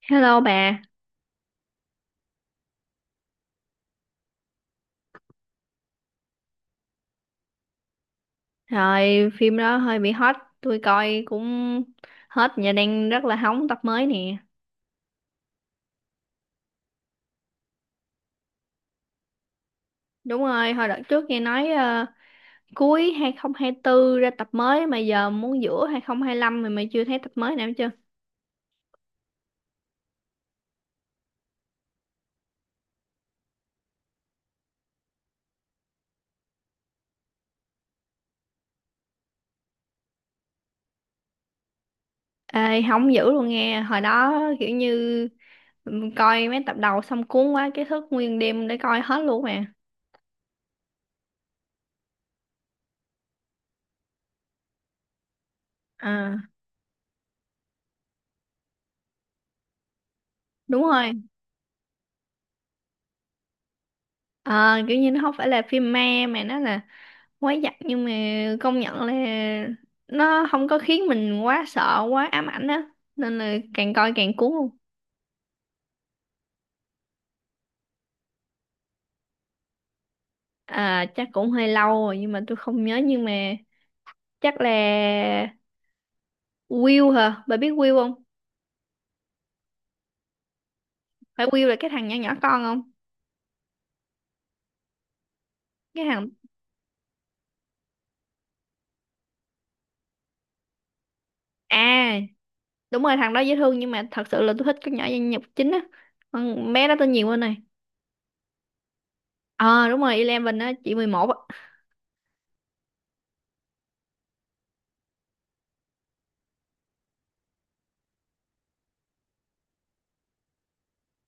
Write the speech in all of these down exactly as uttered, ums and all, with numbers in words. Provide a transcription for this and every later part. Hello bà. Rồi, phim đó hơi bị hot, tôi coi cũng hết và đang rất là hóng tập mới nè. Đúng rồi, hồi đợt trước nghe nói ờ, cuối hai không hai tư ra tập mới mà giờ muốn giữa hai không hai lăm mà mày chưa thấy tập mới nào hết chưa? Ê, hóng dữ luôn nghe, hồi đó kiểu như ừm, coi mấy tập đầu xong cuốn quá cái thức nguyên đêm để coi hết luôn mà. À, đúng rồi. Ờ, kiểu như nó không phải là phim ma mà nó là quá giặc, nhưng mà công nhận là nó không có khiến mình quá sợ quá ám ảnh á, nên là càng coi càng cuốn luôn. À chắc cũng hơi lâu rồi nhưng mà tôi không nhớ, nhưng mà chắc là Will hả, bà biết Will không? Phải Will là cái thằng nhỏ nhỏ con không? Cái thằng. À đúng rồi, thằng đó dễ thương nhưng mà thật sự là tôi thích cái nhỏ nhân vật chính á, con bé đó tên gì quên này. Ờ đúng rồi Eleven á, chị mười một á.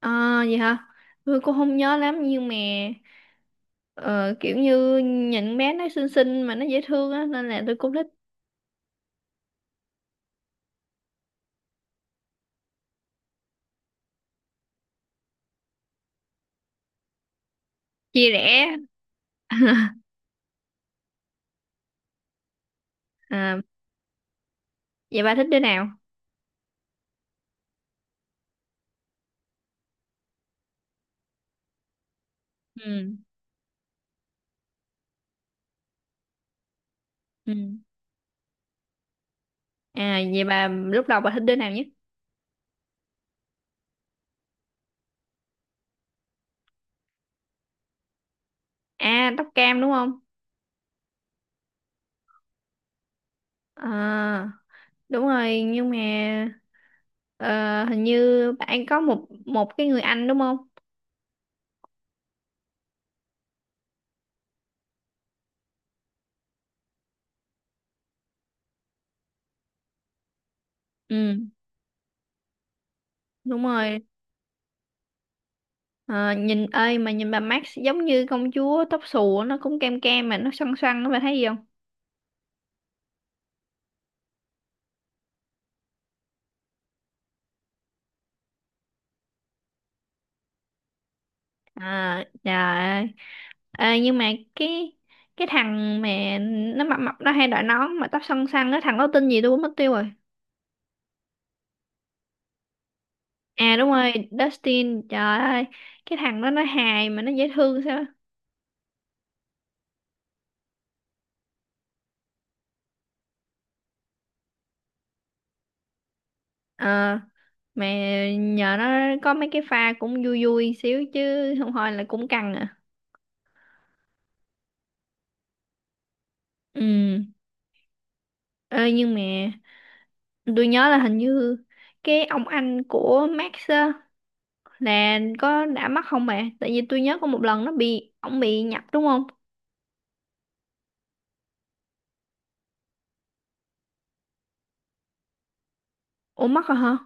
Ờ gì hả, tôi cũng không nhớ lắm nhưng mà Ờ, kiểu như nhìn bé nó xinh xinh mà nó dễ thương á, nên là tôi cũng thích. Chia rẽ. À, vậy bà thích đứa nào? Ừ ừ. À vậy bà lúc đầu bà thích đứa nào nhất? À tóc cam đúng không? À đúng rồi, nhưng mà ờ, hình như bạn có một một cái người anh đúng không? Ừ đúng rồi. Ờ, nhìn ơi mà nhìn bà Max giống như công chúa tóc xù á, nó cũng cam cam mà nó xoăn xoăn á, bà thấy gì không? À trời ơi. Ờ, nhưng mà cái cái thằng mà nó mập mập nó hay đội nón mà tóc xoăn xoăn á, thằng đó tên gì tôi cũng mất tiêu rồi. À đúng rồi Dustin, trời ơi, cái thằng đó nó hài mà nó dễ thương sao á. Ờ, mà nhờ nó có mấy cái pha cũng vui vui xíu chứ không thôi là cũng căng à. Ừ. Ê, nhưng mà tôi nhớ là hình như cái ông anh của Max á, nè có đã mắc không mẹ? Tại vì tôi nhớ có một lần nó bị ổng bị nhập đúng không? Ủa mắc rồi hả?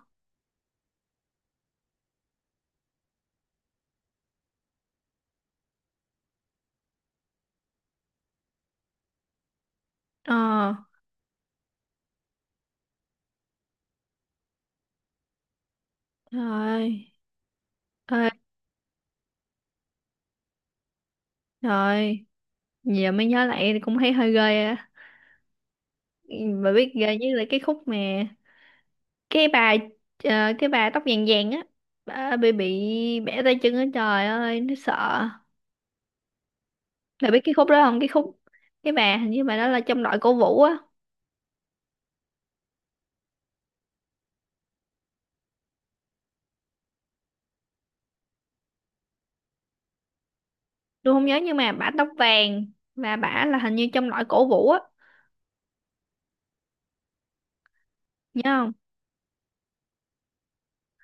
Ờ. Trời ơi. Ê, trời ơi. Giờ mới nhớ lại thì cũng thấy hơi ghê á. Bà biết ghê với lại cái khúc mà cái bà ờ, cái bà tóc vàng vàng á, bà bị bị bẻ tay chân á, trời ơi nó sợ. Bà biết cái khúc đó không? Cái khúc cái bà hình như bà đó là trong đội cổ vũ á. Tôi không nhớ nhưng mà bà tóc vàng và bà là hình như trong đội cổ vũ á, nhớ không?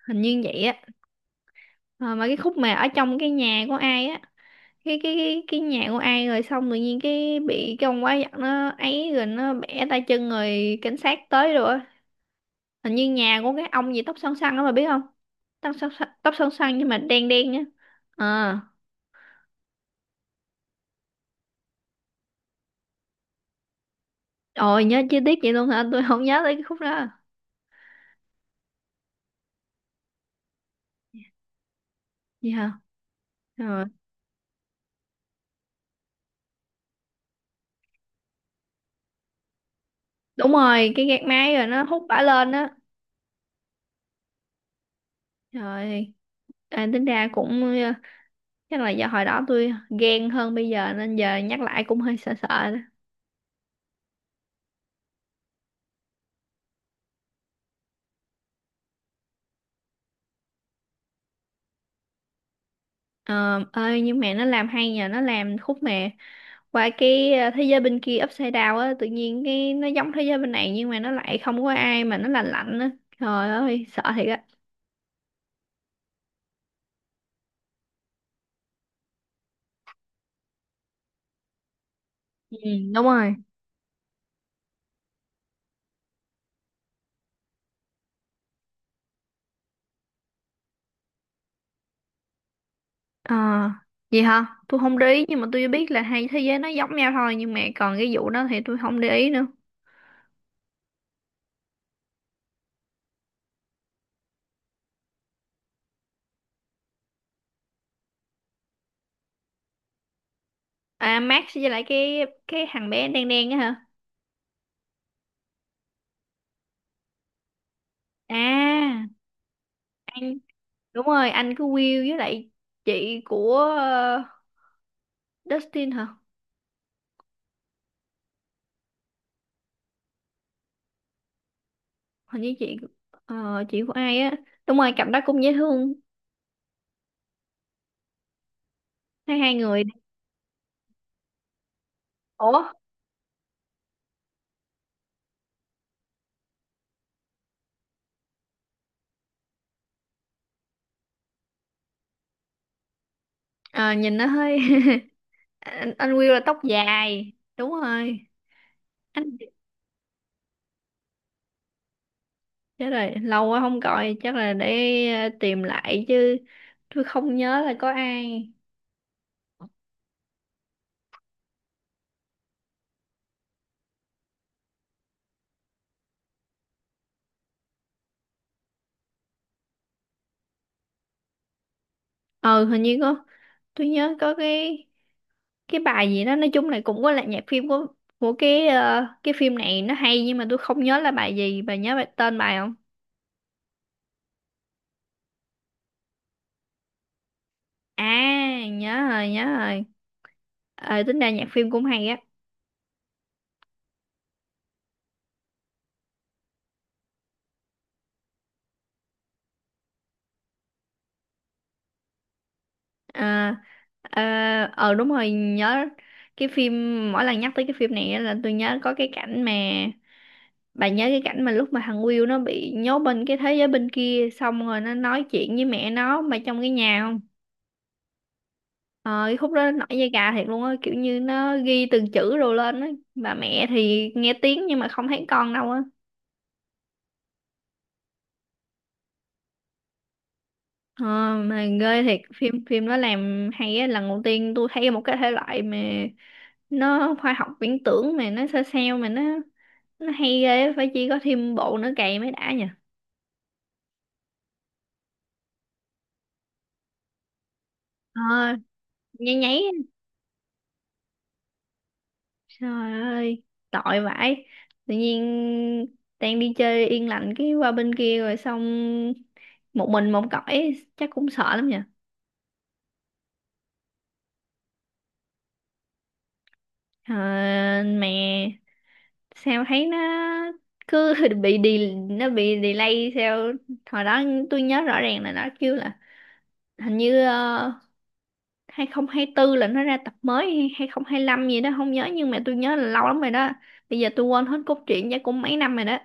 Hình như vậy á. Ờ, mà cái khúc mà ở trong cái nhà của ai á, cái cái cái, cái nhà của ai rồi xong tự nhiên cái bị cái ông quá giặc nó ấy rồi nó bẻ tay chân rồi cảnh sát tới rồi á. Hình như nhà của cái ông gì tóc xoăn xoăn đó mà biết không? Tóc xoăn xoăn- tóc xoăn xoăn nhưng mà đen đen nhá. Ờ. Ôi nhớ chi tiết vậy luôn hả, tôi không nhớ tới cái khúc đó. Gì hả. Ờ, đúng rồi cái gạt máy rồi nó hút bả lên á. Trời. À, tính ra cũng ờ, chắc là do hồi đó tôi ghen hơn bây giờ nên giờ nhắc lại cũng hơi sợ sợ. Ờ, ơi nhưng mà nó làm hay, nhờ nó làm khúc mà qua cái ờ, thế giới bên kia upside down á, tự nhiên cái nó giống thế giới bên này nhưng mà nó lại không có ai mà nó lạnh lạnh á, trời ơi sợ thiệt á. Ừ, đúng rồi. Ờ, vậy hả? Tôi không để ý nhưng mà tôi biết là hai thế giới nó giống nhau thôi nhưng mà còn cái vụ đó thì tôi không để ý nữa. À Max với lại cái cái thằng bé đen đen á hả? À anh đúng rồi anh của Will với lại chị của ờ, Dustin hả? Hình như chị ờ, chị của ai á, đúng rồi cặp đó cũng dễ thương, hai hai người. Ủa. Ờ, nhìn nó hơi. anh, anh Will là tóc dài đúng rồi. Anh chết rồi lâu quá không gọi chắc là để ờ, tìm lại chứ tôi không nhớ là có ai. Ờ hình như có, tôi nhớ có cái cái bài gì đó nói chung là cũng có là nhạc phim của của cái ờ, cái phim này nó hay nhưng mà tôi không nhớ là bài gì, bà nhớ bài tên bài không? À nhớ rồi nhớ rồi. Ờ tính ra nhạc phim cũng hay á. Ờ ờ ờ, đúng rồi nhớ. Cái phim mỗi lần nhắc tới cái phim này á là tôi nhớ có cái cảnh mà bà nhớ cái cảnh mà lúc mà thằng Will nó bị nhốt bên cái thế giới bên kia xong rồi nó nói chuyện với mẹ nó mà trong cái nhà không? Ờ cái khúc đó nổi da gà thiệt luôn á, kiểu như nó ghi từng chữ rồi lên á, bà mẹ thì nghe tiếng nhưng mà không thấy con đâu á. Ờ, mà ghê thiệt, phim phim nó làm hay á, lần đầu tiên tôi thấy một cái thể loại mà nó khoa học viễn tưởng mà nó sao sao mà nó nó hay ghê á, phải chi có thêm bộ nữa cày mới đã nhỉ. Ờ nháy nháy á. Trời ơi tội vãi, tự nhiên đang đi chơi yên lành cái qua bên kia rồi xong một mình một cõi chắc cũng sợ lắm nhỉ. Ờ, mẹ sao thấy nó cứ bị đi nó bị delay sao, hồi đó tôi nhớ rõ ràng là nó kêu là hình như ờ, hai không hai tư là nó ra tập mới hay hai không hai lăm gì đó không nhớ nhưng mà tôi nhớ là lâu lắm rồi đó, bây giờ tôi quên hết cốt truyện chắc cũng mấy năm rồi đó.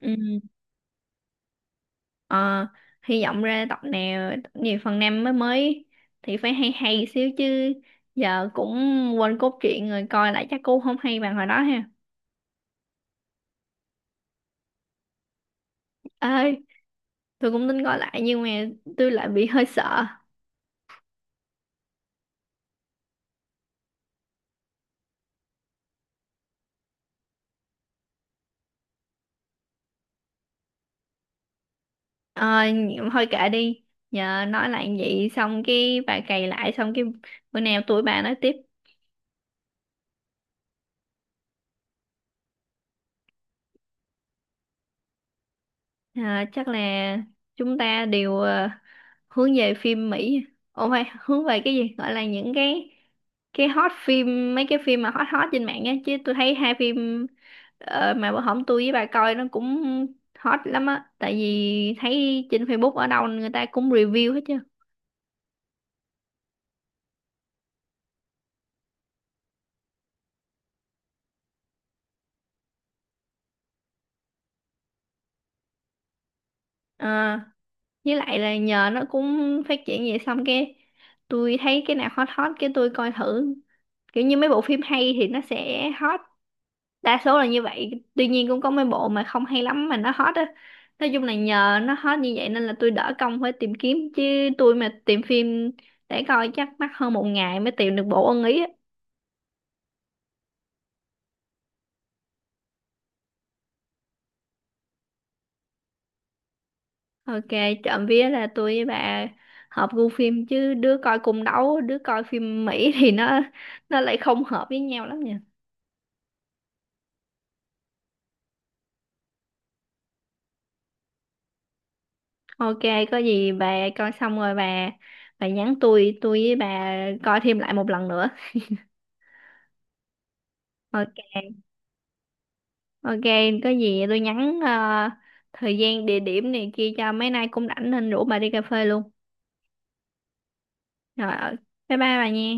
Ừ. ờ, hy vọng ra tập nào tập nhiều phần năm mới mới thì phải hay hay xíu chứ giờ cũng quên cốt truyện rồi coi lại chắc cũng không hay bằng hồi đó ha. Ơi tôi cũng tính coi lại nhưng mà tôi lại bị hơi sợ. Ờ, thôi kệ đi, nhờ nói lại vậy xong cái bà cày lại xong cái bữa nào tụi bà nói tiếp. À, chắc là chúng ta đều ờ, hướng về phim Mỹ, ồ phải hướng về cái gì gọi là những cái cái hot phim mấy cái phim mà hot hot trên mạng á, chứ tôi thấy hai phim ờ, mà bữa hổm tôi với bà coi nó cũng hot lắm á, tại vì thấy trên Facebook ở đâu người ta cũng review hết chứ. Ờ. Với lại là nhờ nó cũng phát triển vậy xong cái tôi thấy cái nào hot hot cái tôi coi thử, kiểu như mấy bộ phim hay thì nó sẽ hot đa số là như vậy, tuy nhiên cũng có mấy bộ mà không hay lắm mà nó hot á, nói chung là nhờ nó hot như vậy nên là tôi đỡ công phải tìm kiếm chứ tôi mà tìm phim để coi chắc mất hơn một ngày mới tìm được bộ ưng ý á. Ok. Trộm vía là tôi với bà hợp gu phim chứ đứa coi cung đấu đứa coi phim Mỹ thì nó nó lại không hợp với nhau lắm nhỉ. Ok, có gì bà coi xong rồi bà bà nhắn tôi, tôi với bà coi thêm lại một lần nữa. Ok, ok, có gì tôi nhắn ờ, thời gian địa điểm này kia cho mấy nay cũng rảnh nên rủ bà đi cà phê luôn. Rồi, ờ, bye bye bà nha.